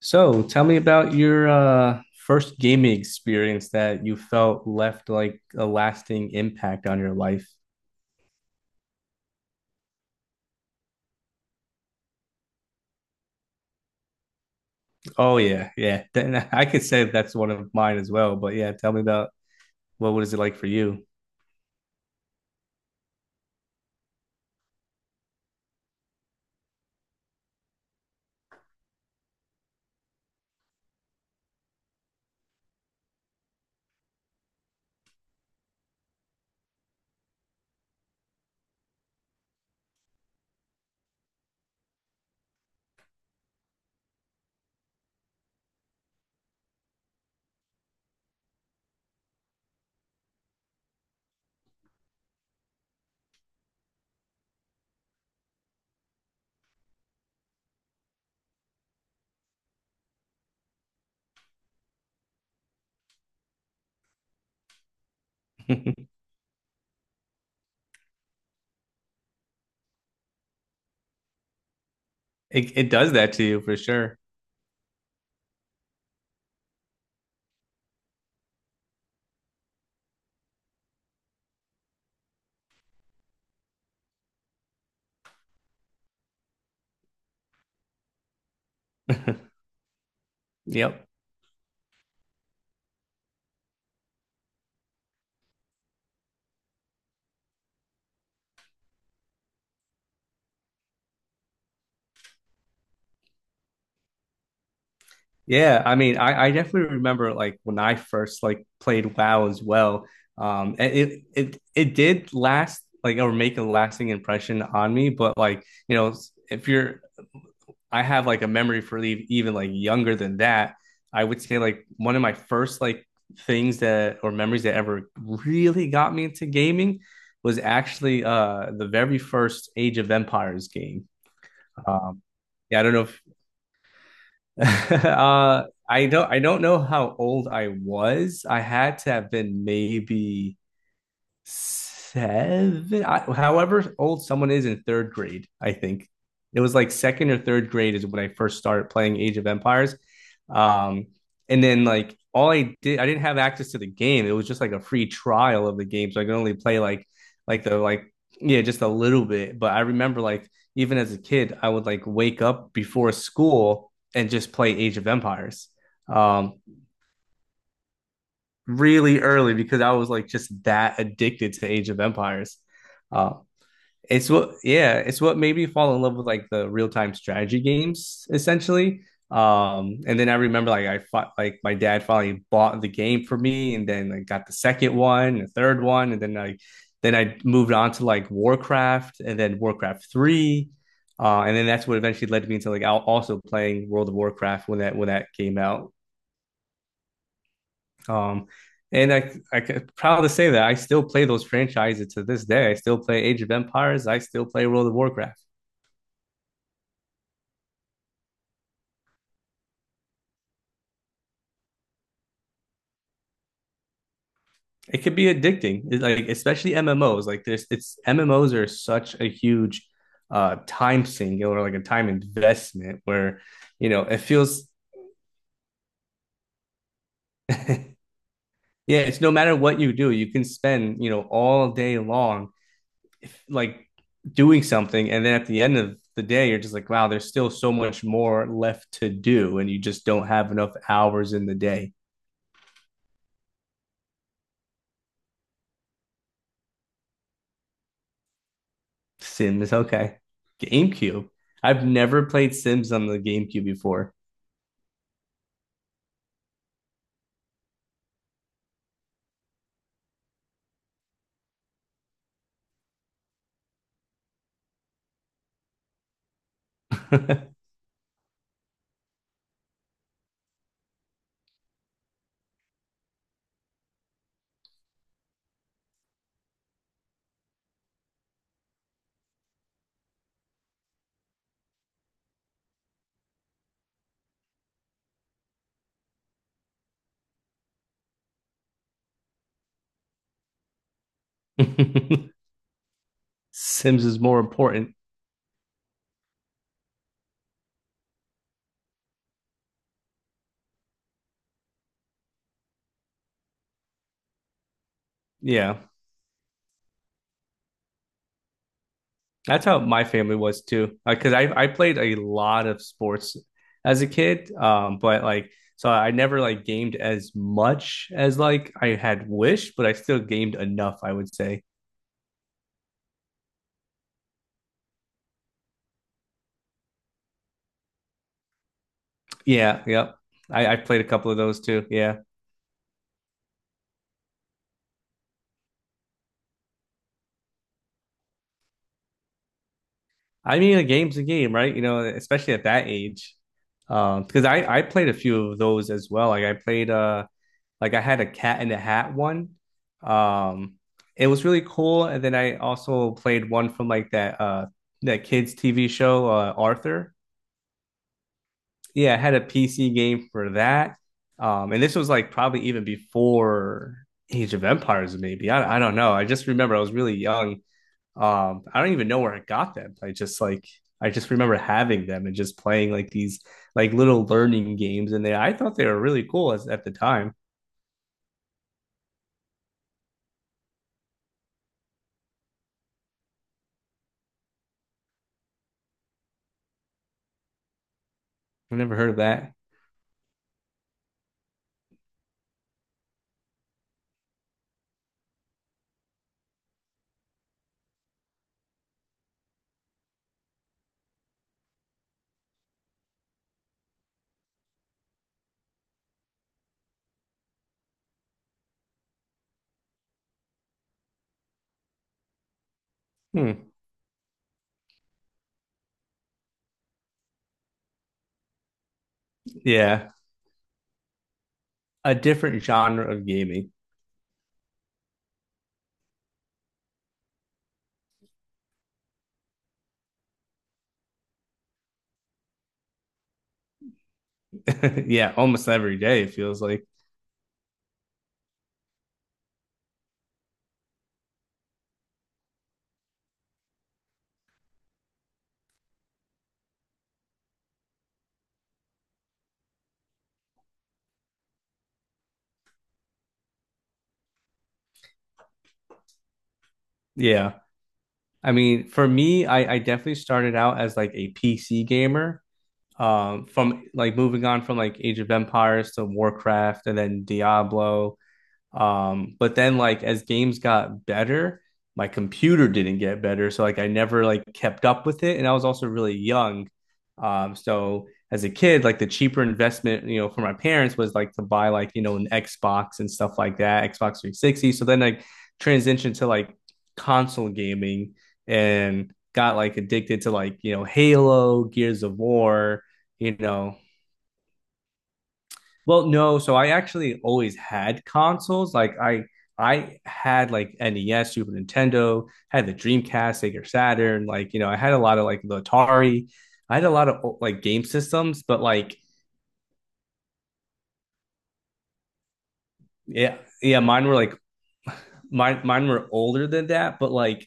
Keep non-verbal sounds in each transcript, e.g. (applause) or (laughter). So, tell me about your first gaming experience that you felt left like a lasting impact on your life. Oh yeah, yeah. (laughs) Then I could say that's one of mine as well. But yeah, tell me about what was it like for you? (laughs) It does that to you for sure. (laughs) Yep. Yeah, I mean, I definitely remember like when I first like played WoW as well. And it did last like or make a lasting impression on me, but, if you're I have like a memory for even like younger than that. I would say like one of my first like things that or memories that ever really got me into gaming was actually the very first Age of Empires game. Um yeah, I don't know if (laughs) I don't know how old I was. I had to have been maybe seven, I, however old someone is in third grade, I think. It was like second or third grade is when I first started playing Age of Empires. Um, and then like all I did, I didn't have access to the game. It was just like a free trial of the game, so I could only play like yeah, just a little bit. But I remember like even as a kid, I would like wake up before school and just play Age of Empires. Um, Really early because I was like just that addicted to Age of Empires. Uh, yeah, it's what made me fall in love with like the real time strategy games essentially. And then I remember like I fought like my dad finally bought the game for me, and then I like, got the second one, the third one, and then like then I moved on to like Warcraft, and then Warcraft three. And then that's what eventually led me into like also playing World of Warcraft when that came out. Um, and I I'm proud to say that I still play those franchises to this day. I still play Age of Empires. I still play World of Warcraft. It could be addicting. It's like especially MMOs. Like there's, it's MMOs are such a huge time sink or like a time investment where you know it feels (laughs) yeah. It's no matter what you do, you can spend you know all day long like doing something, and then at the end of the day you're just like wow, there's still so much more left to do and you just don't have enough hours in the day. Sims, okay. Gamecube. I've never played Sims on the Gamecube before. (laughs) Sims is more important. Yeah. That's how my family was too. Like, cause I played a lot of sports as a kid, but like so I never like gamed as much as like I had wished, but I still gamed enough, I would say. Yeah, yep. I played a couple of those too. Yeah. I mean, a game's a game, right? You know, especially at that age. Because I played a few of those as well. Like I played like I had a Cat in the Hat one. Um, it was really cool. And then I also played one from like that that kids TV show, Arthur. Yeah, I had a PC game for that. And this was like probably even before Age of Empires, maybe. I don't know. I just remember I was really young. I don't even know where I got them. I just remember having them and just playing like these like little learning games, and they I thought they were really cool at the time. I never heard of that. Hmm. Yeah. A different genre of gaming. (laughs) Yeah. Almost every day, it feels like. Yeah. I mean, for me, I definitely started out as like a PC gamer. From like moving on from like Age of Empires to Warcraft and then Diablo. But then like as games got better, my computer didn't get better, so like I never like kept up with it, and I was also really young. So as a kid, like the cheaper investment, you know, for my parents was like to buy like you know an Xbox and stuff like that, Xbox 360. So then I transitioned to like console gaming and got like addicted to like you know Halo, Gears of War, you know, well, no, so I actually always had consoles. I had like NES, Super Nintendo, had the Dreamcast, Sega Saturn, like you know, I had a lot of like the Atari. I had a lot of like game systems, but like yeah, yeah, mine were like (laughs) mine were older than that, but like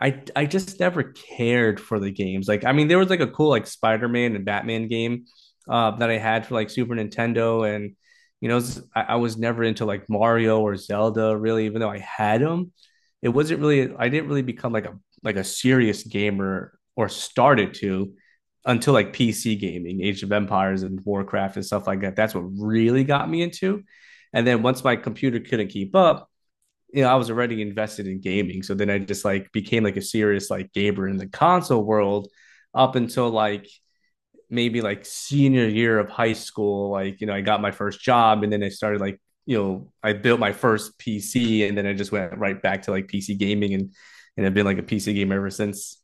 I just never cared for the games. Like I mean, there was like a cool like Spider Man and Batman game that I had for like Super Nintendo, and you know, I was never into like Mario or Zelda really, even though I had them. It wasn't really I didn't really become like a serious gamer or started to until like PC gaming, Age of Empires and Warcraft and stuff like that. That's what really got me into. And then once my computer couldn't keep up, you know, I was already invested in gaming. So then I just like became like a serious like gamer in the console world up until like maybe like senior year of high school. Like, you know, I got my first job and then I started like, you know, I built my first PC and then I just went right back to like PC gaming, and I've been like a PC gamer ever since.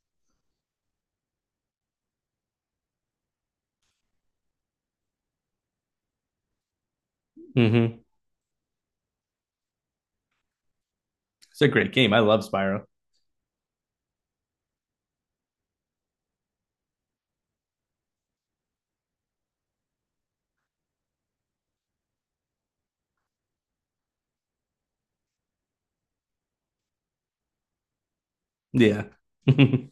Mm-hmm. It's a great game. I love Spyro. Yeah. (laughs) Oh,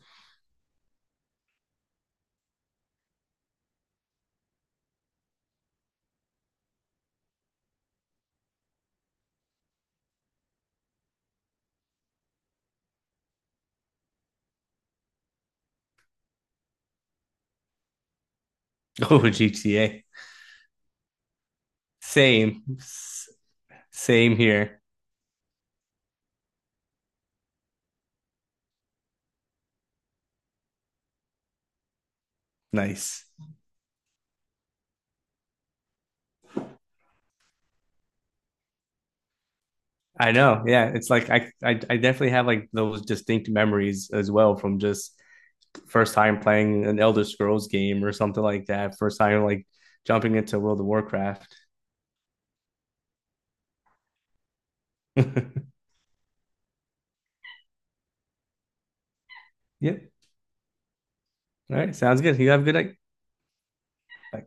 GTA. Same. Same here. Nice. I know. Yeah, it's like I definitely have like those distinct memories as well from just first time playing an Elder Scrolls game or something like that. First time like jumping into World of Warcraft. (laughs) Yep. All right. Sounds good. You have a good night. Bye.